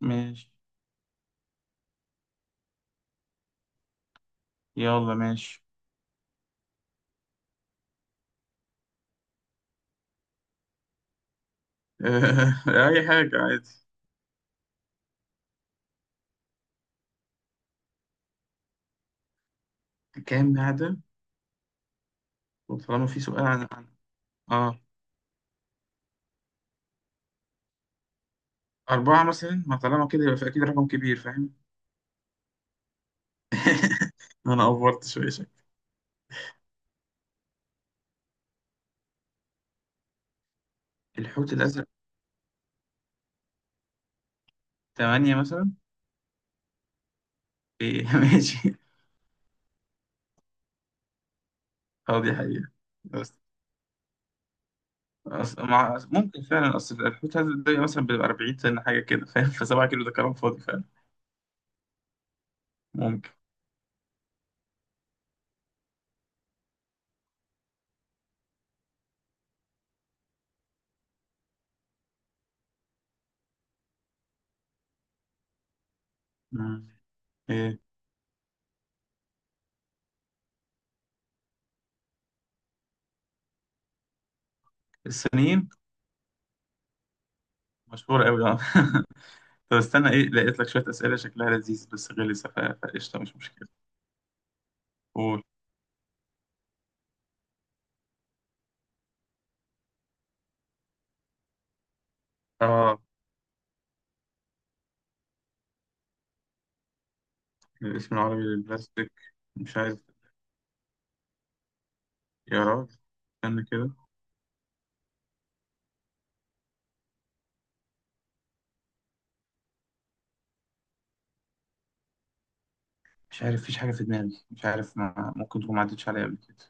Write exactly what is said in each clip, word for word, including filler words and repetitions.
ماشي. يلا ماشي. آه، أي حاجة عادي. كام عدد؟ وطالما في سؤال عن عن آه أربعة مثلا، ما طالما كده يبقى أكيد رقم كبير، فاهم؟ أنا أفورت شوية شكل. الحوت الأزرق، ثمانية مثلا. إيه ماشي. أه دي حقيقة. بس أصل مع... ممكن فعلا، أصل الحوت الأزرق ده مثلا بيبقى أربعين سنة حاجة كده، فاهم؟ فسبعة كيلو ده كلام فاضي فعلا. ممكن. مم. إيه. السنين. مشهورة أوي، آه. طب استنى ايه، لقيت لك شوية أسئلة شكلها لذيذ بس غلسة، ف- فقشطة مش مشكلة. قول. اه الاسم العربي للبلاستيك. مش عارف. يا راجل. استنى كده. مش عارف، فيش حاجة في دماغي. مش عارف، ما ممكن تكون ما عدتش عليا قبل كده.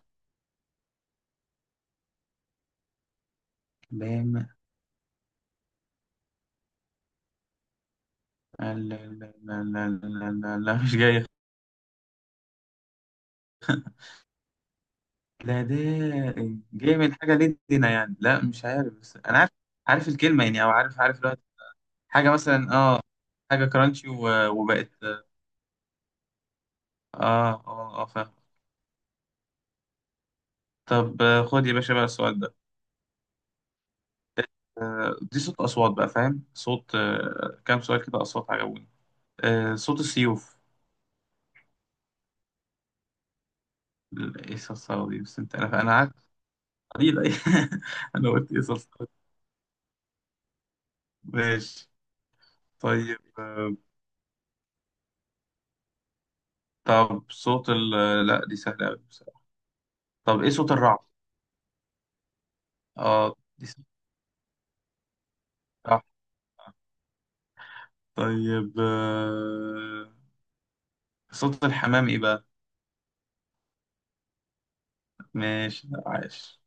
بام. لا لا لا لا لا لا لا، مش جاية. لا ده جاي من حاجة لدينا يعني، لا مش عارف، بس أنا عارف. عارف الكلمة يعني، أو عارف عارف الوقت. حاجة مثلا، اه. حاجة كرانشي و- وبقت. اه اه اه، فاهم. طب آه، خد يا باشا بقى السؤال ده. آه، دي صوت أصوات بقى، فاهم؟ صوت، آه، كام سؤال كده أصوات عجبوني. آه، صوت السيوف. ال- إيه الصرصرة دي؟ بس أنت، أنا أنا قعدت. قليل، أي أنا قلت إيه الصرصرة دي؟ ماشي. طيب آه، طب صوت ال، لا دي سهلة أوي بصراحة. طب إيه صوت الرعد؟ أه دي سهلة. صح. طيب آه، صوت الحمام إيه بقى؟ ماشي. لا، عايش.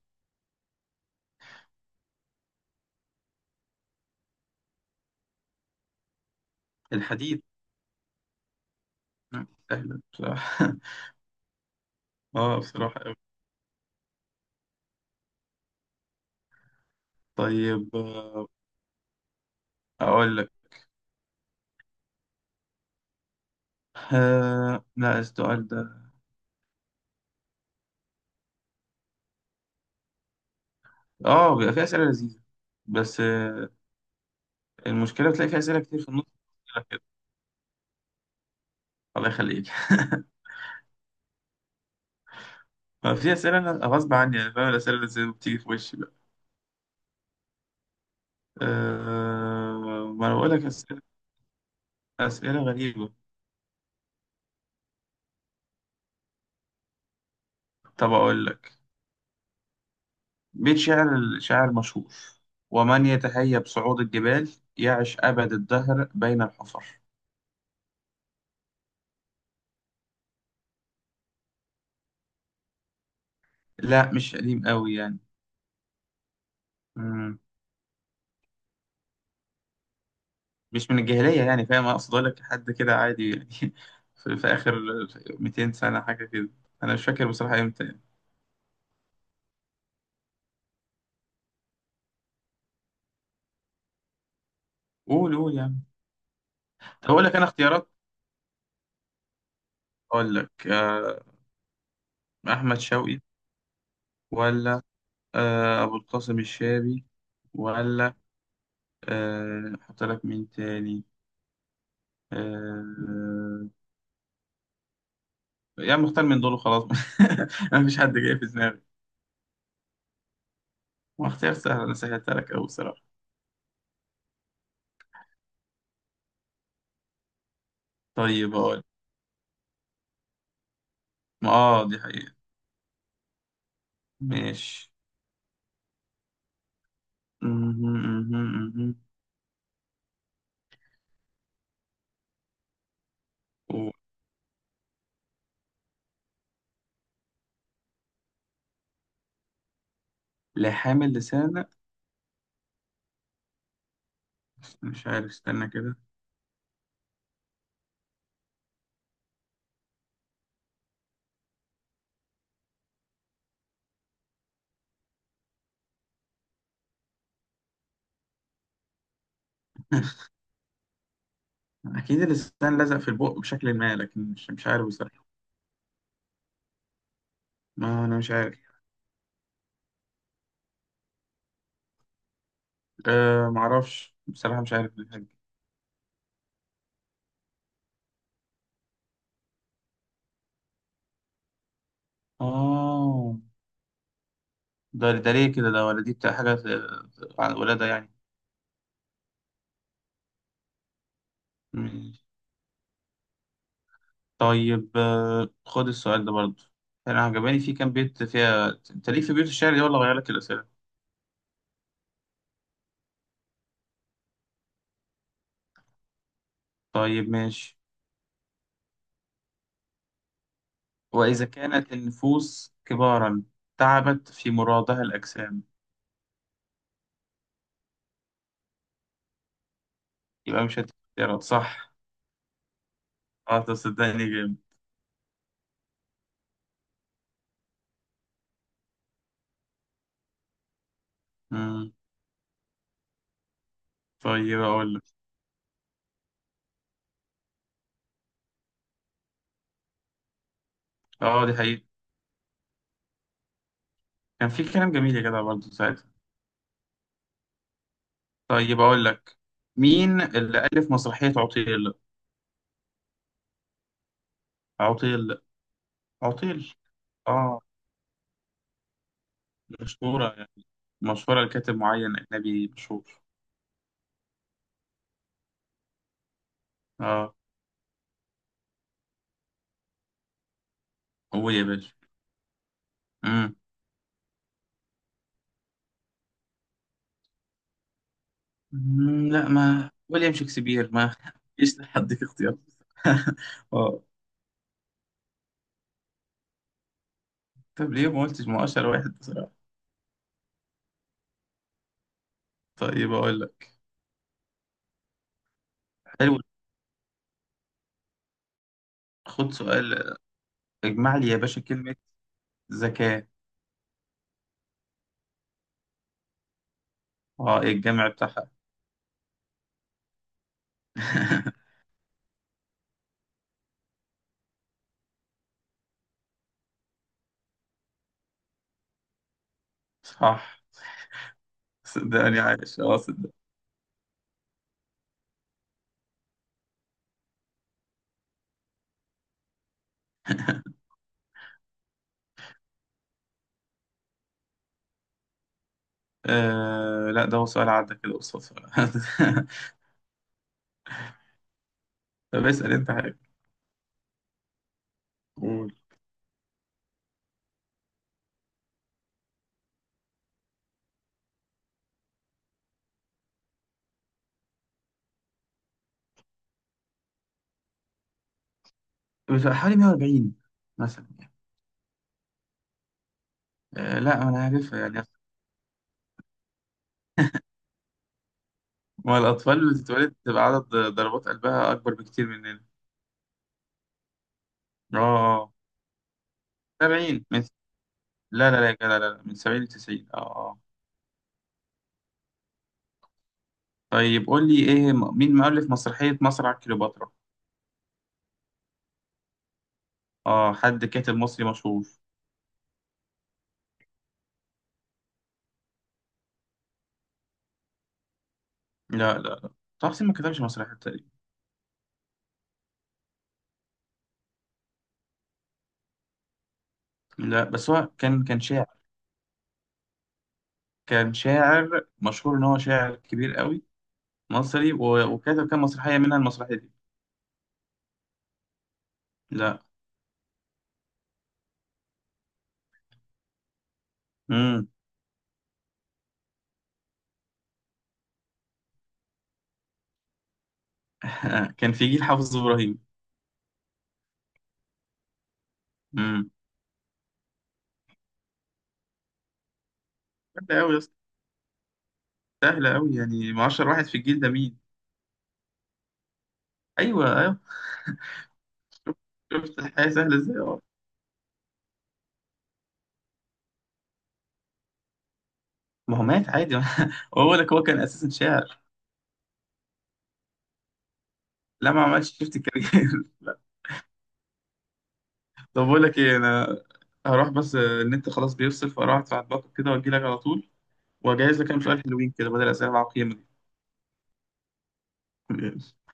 الحديد. سهلة بصراحة أه بصراحة أوي. طيب آه، أقول لك. آه لا السؤال ده، اه بيبقى فيه أسئلة لذيذة. بس آه المشكلة بتلاقي فيه أسئلة كتير في النص كده. الله يخليك ما في أسئلة أنا غصب عني، يعني فاهم الأسئلة اللي زي- بتيجي في وشي بقى. آه ما أنا بقول لك أسئلة، أسئلة غريبة. طب أقول لك بيت شعر الشاعر مشهور: ومن يتهيأ بصعود الجبال، يعش أبد الدهر بين الحفر. لا مش قديم قوي، يعني مش من الجاهلية، يعني فاهم أقصد؟ أقول لك حد كده عادي يعني. في, في آخر ميتين سنة حاجة كده، أنا مش فاكر بصراحة إمتى يعني. قول قول يعني. طب أقول لك أنا اختيارات. أقول لك آه أحمد شوقي، ولا آه أبو القاسم الشابي، ولا آه أحط لك مين تاني، آه. يعني مختار من دول وخلاص. أنا مفيش حد جاي في دماغي. ما اختيار سهل، أنا سهلتها لك أوي بصراحة. طيب أقول. ما آه دي حقيقة. ماشي. مهم، مهم، مهم. لحامل لسان، لأ. مش عارف، استنى كده. أكيد اللسان لزق في البق بشكل ما، لكن مش مش عارف بصراحة. ما أنا مش عارف. أه معرفش بصراحة، مش عارف الحاجة. آه ده ده ليه كده ده؟ ولا دي بتاع حاجة؟ عن الولادة يعني. مم. طيب آه، خد السؤال ده برضه. أنا عجباني في كام بيت فيها، أنت ليك في بيوت الشعر دي ولا أغير لك الأسئلة؟ طيب ماشي. وإذا كانت النفوس كبارا، تعبت في مرادها الأجسام. يبقى مش هتقدر، صح. اه طب صدقني جامد. مم. طيب اقول لك. اه دي حقيقة. كان في كلام جميل يا جدع برضه ساعتها. طيب اقول لك، مين اللي ألف مسرحية عطيل؟ عطيل. عطيل. اه مشهورة يعني، مشهورة لكاتب معين أجنبي مشهور. اه. قول يا باشا. مم. مم، لا ما ويليام شكسبير، ما ايش هديك اختيار؟ اه. طب ليه ما قلتش؟ ما اشهر واحد بصراحة. طيب اقول لك. حلو. خد سؤال. اجمع لي يا باشا كلمة ذكاء. اه ايه الجامع بتاعها؟ صح. صدقني عايش، اه صدق. آه لا، ده هو سؤال عدى كده قصاد سؤال طب اسأل انت حاجة. قول. بس حوالي مية وأربعين مثلا يعني. آه لا انا عارفها يعني. ما الأطفال اللي بتتولد بتبقى عدد ضربات قلبها أكبر بكتير مننا. اه سبعين من، لا لا لا يا جدع، لا لا من سبعين ل تسعين. اه اه. طيب قول لي ايه، م- مين مؤلف مسرحية مسرح كليوباترا؟ اه حد كاتب مصري مشهور. لا لا لا، طه حسين ما كتبش مسرحية. لا بس هو كان كان شاعر. كان شاعر مشهور، ان هو شاعر كبير قوي، مصري و- وكتب كام مسرحيه منها المسرحيه دي. لا. امم. كان في جيل حافظ ابراهيم. امم. سهله قوي يا اسطى، سهله قوي يعني، ما عشر واحد في الجيل ده مين؟ ايوه ايوه. شفت الحياه سهله ازاي، اه. ما هو مات عادي. بقول لك هو كان اساسا شاعر. لا ما عملش، شفت الكارير. طب بقول لك ايه انا، هروح بس آه، النت خلاص بيفصل، فاروح ادفع الباقه كده واجي لك على طول. واجهز لك كام سؤال حلوين كده بدل الاسئله العقيمه دي